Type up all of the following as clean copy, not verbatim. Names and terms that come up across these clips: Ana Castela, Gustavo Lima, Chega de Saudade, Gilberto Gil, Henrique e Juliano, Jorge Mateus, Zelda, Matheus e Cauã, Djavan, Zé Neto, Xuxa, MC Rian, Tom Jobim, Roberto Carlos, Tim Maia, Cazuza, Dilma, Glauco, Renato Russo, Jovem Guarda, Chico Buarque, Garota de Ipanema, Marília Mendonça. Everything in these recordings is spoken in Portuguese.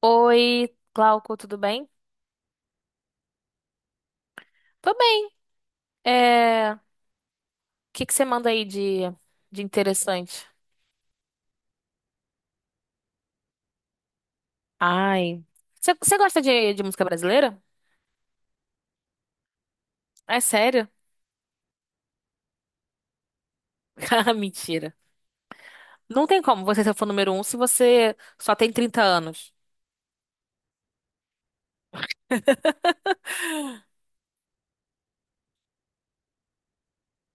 Oi, Glauco, tudo bem? Tô bem. É, o que que você manda aí de interessante? Ai, você gosta de música brasileira? É sério? Ah, mentira. Não tem como você ser fã número um se você só tem 30 anos.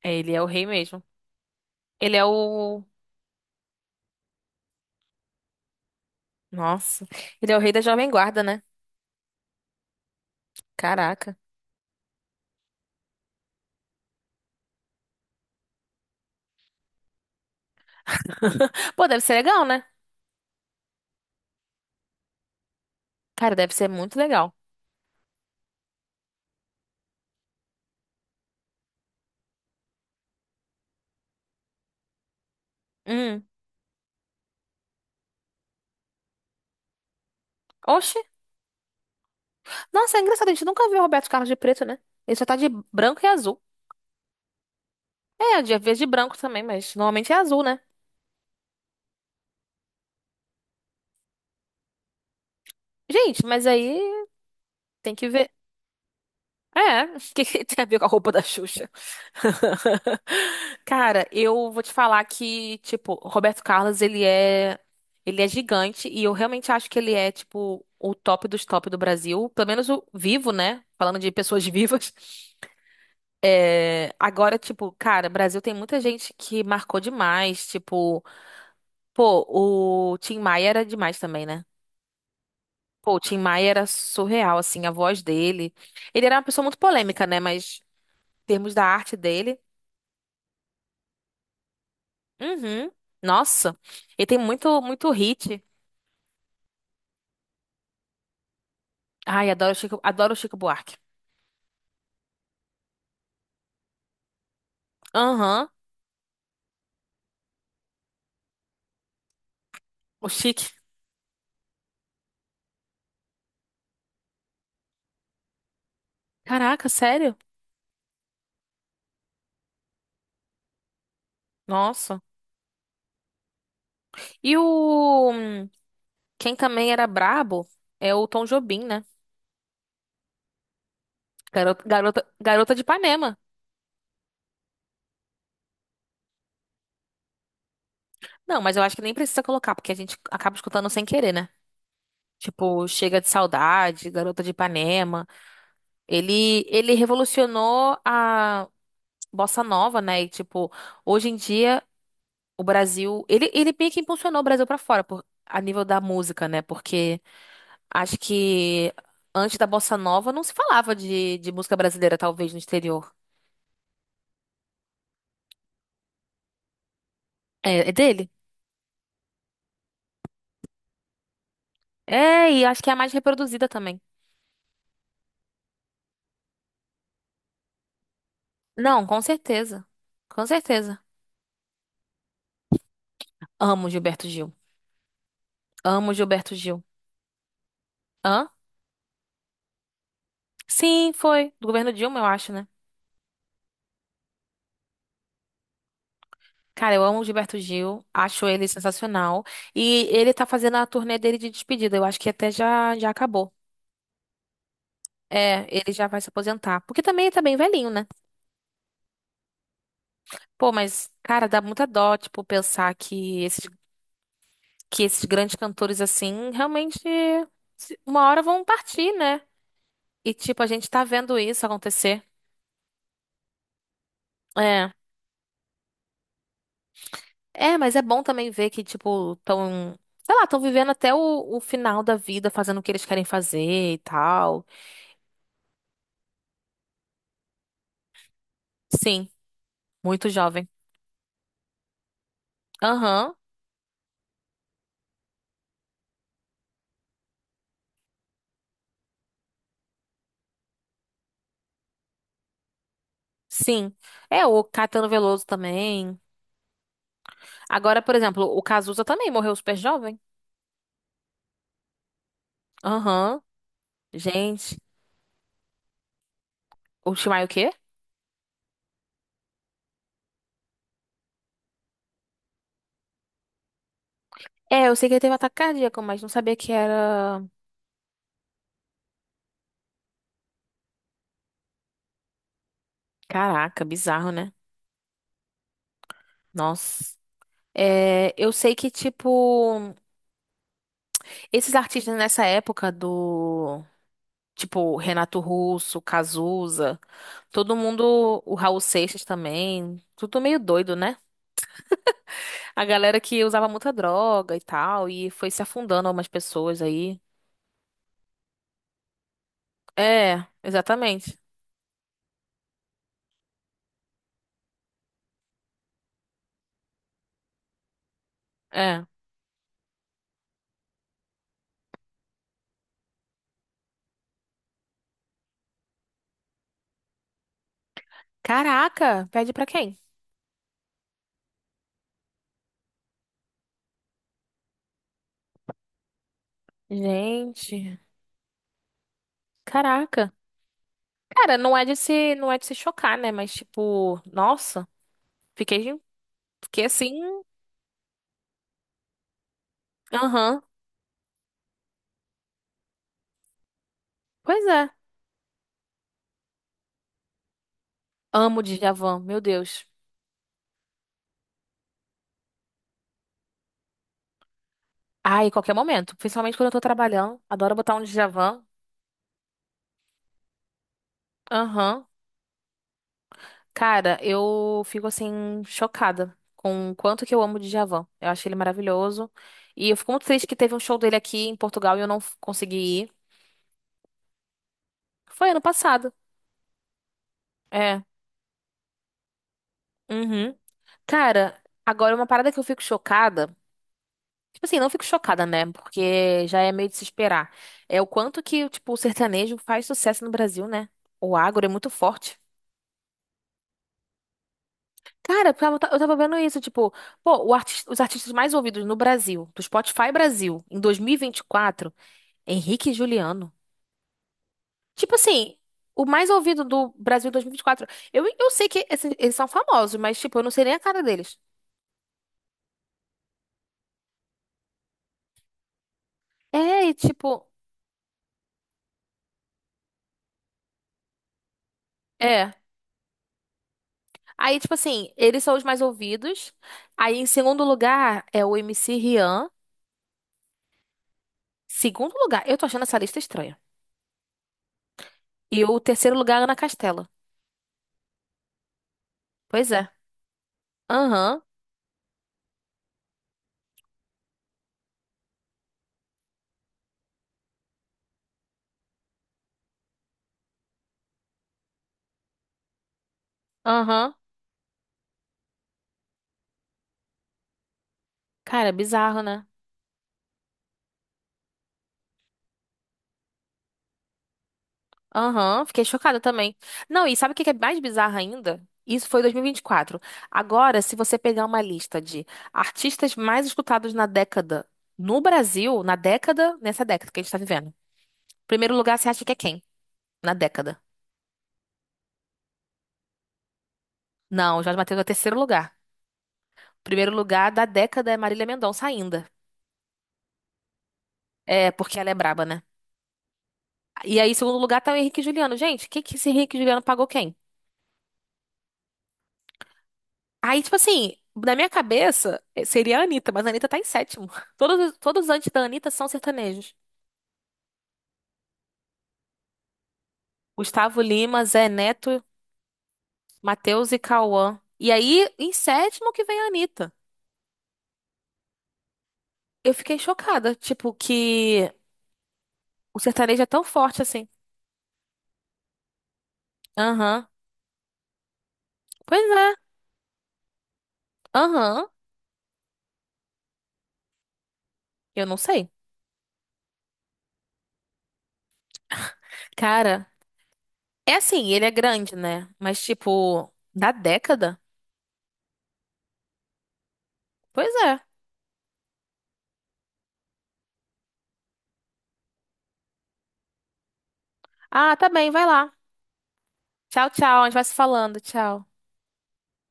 É, ele é o rei mesmo. Ele é o... Nossa, ele é o rei da Jovem Guarda, né? Caraca. Pô, deve ser legal, né? Cara, deve ser muito legal. Hum. Oxe. Nossa, é engraçado, a gente nunca viu o Roberto Carlos de preto, né? Ele só tá de branco e azul. É, de vez de branco também, mas normalmente é azul, né? Gente, mas aí tem que ver. É, o que que tem a ver com a roupa da Xuxa? Cara, eu vou te falar que, tipo, o Roberto Carlos, ele é gigante e eu realmente acho que ele é, tipo, o top dos top do Brasil, pelo menos o vivo, né? Falando de pessoas vivas. É, agora, tipo, cara, Brasil tem muita gente que marcou demais, tipo, pô, o Tim Maia era demais também, né? Pô, o Tim Maia era surreal, assim, a voz dele. Ele era uma pessoa muito polêmica, né? Mas em termos da arte dele. Uhum. Nossa, ele tem muito, muito hit. Ai, adoro o Chico Buarque. Aham, o Chique. Caraca, sério? Nossa. E o... hum, Quem também era brabo é o Tom Jobim, né? Garota, garota, garota de Ipanema. Não, mas eu acho que nem precisa colocar, porque a gente acaba escutando sem querer, né? Tipo, Chega de Saudade, Garota de Ipanema. Ele revolucionou a bossa nova, né? E, tipo, hoje em dia, o Brasil. Ele meio que impulsionou o Brasil pra fora, a nível da música, né? Porque acho que antes da bossa nova não se falava de música brasileira, talvez, no exterior. É, dele? É, e acho que é a mais reproduzida também. Não, com certeza. Com certeza. Amo Gilberto Gil. Amo Gilberto Gil. Hã? Sim, foi. Do governo Dilma, eu acho, né? Cara, eu amo o Gilberto Gil, acho ele sensacional. E ele tá fazendo a turnê dele de despedida, eu acho que até já, já acabou. É, ele já vai se aposentar. Porque também ele tá bem velhinho, né? Pô, mas, cara, dá muita dó, tipo, pensar que esses grandes cantores, assim, realmente uma hora vão partir, né? E, tipo, a gente tá vendo isso acontecer. É. É, mas é bom também ver que, tipo, sei lá, tão vivendo até o final da vida, fazendo o que eles querem fazer e tal. Sim, muito jovem. Aham, sim. É, o Caetano Veloso também. Agora, por exemplo, o Cazuza também morreu super jovem. Aham, gente. O Timaya o quê? É, eu sei que ele teve ataque cardíaco, mas não sabia que era. Caraca, bizarro, né? Nossa. É, eu sei que, tipo, esses artistas nessa época do. Tipo, Renato Russo, Cazuza, todo mundo. O Raul Seixas também. Tudo meio doido, né? A galera que usava muita droga e tal, e foi se afundando algumas pessoas aí. É, exatamente. É. Caraca, pede pra quem? Gente, caraca. Cara, não é de se chocar, né? Mas tipo, nossa, fiquei, fiquei assim. Aham. Pois é. Amo Djavan, meu Deus. Ai, qualquer momento, principalmente quando eu tô trabalhando, adoro botar um Djavan. Aham. Cara, eu fico assim chocada com o quanto que eu amo o Djavan. Eu acho ele maravilhoso. E eu fico muito triste que teve um show dele aqui em Portugal e eu não consegui ir. Foi ano passado. É. Uhum. Cara, agora uma parada que eu fico chocada. Tipo assim, não fico chocada, né? Porque já é meio de se esperar. É o quanto que, tipo, o sertanejo faz sucesso no Brasil, né? O agro é muito forte. Cara, eu tava vendo isso, tipo, pô, o os artistas mais ouvidos no Brasil, do Spotify Brasil, em 2024, Henrique e Juliano. Tipo assim, o mais ouvido do Brasil dois mil e vinte e quatro. Eu sei que eles são famosos, mas, tipo, eu não sei nem a cara deles. É, e, tipo, é. Aí, tipo assim, eles são os mais ouvidos. Aí, em segundo lugar, é o MC Rian. Segundo lugar, eu tô achando essa lista estranha. E o terceiro lugar, Ana Castela. Pois é. Aham, aham. Cara, é bizarro, né? Aham, fiquei chocada também. Não, e sabe o que que é mais bizarro ainda? Isso foi 2024. Agora, se você pegar uma lista de artistas mais escutados na década no Brasil, na década, nessa década que a gente tá vivendo. Primeiro lugar, você acha que é quem? Na década. Não, Jorge Mateus é o terceiro lugar. Primeiro lugar da década é Marília Mendonça ainda. É, porque ela é braba, né? E aí, em segundo lugar, tá o Henrique e Juliano. Gente, o que que esse Henrique e Juliano pagou quem? Aí, tipo assim, na minha cabeça, seria a Anitta, mas a Anitta tá em sétimo. Todos antes da Anitta são sertanejos. Gustavo Lima, Zé Neto, Matheus e Cauã. E aí, em sétimo que vem a Anitta. Eu fiquei chocada, tipo, que o sertanejo é tão forte assim. Aham. Pois é. Aham. Eu não sei. Cara, é assim, ele é grande, né? Mas, tipo, da década? Pois é. Ah, tá bem, vai lá. Tchau, tchau. A gente vai se falando. Tchau.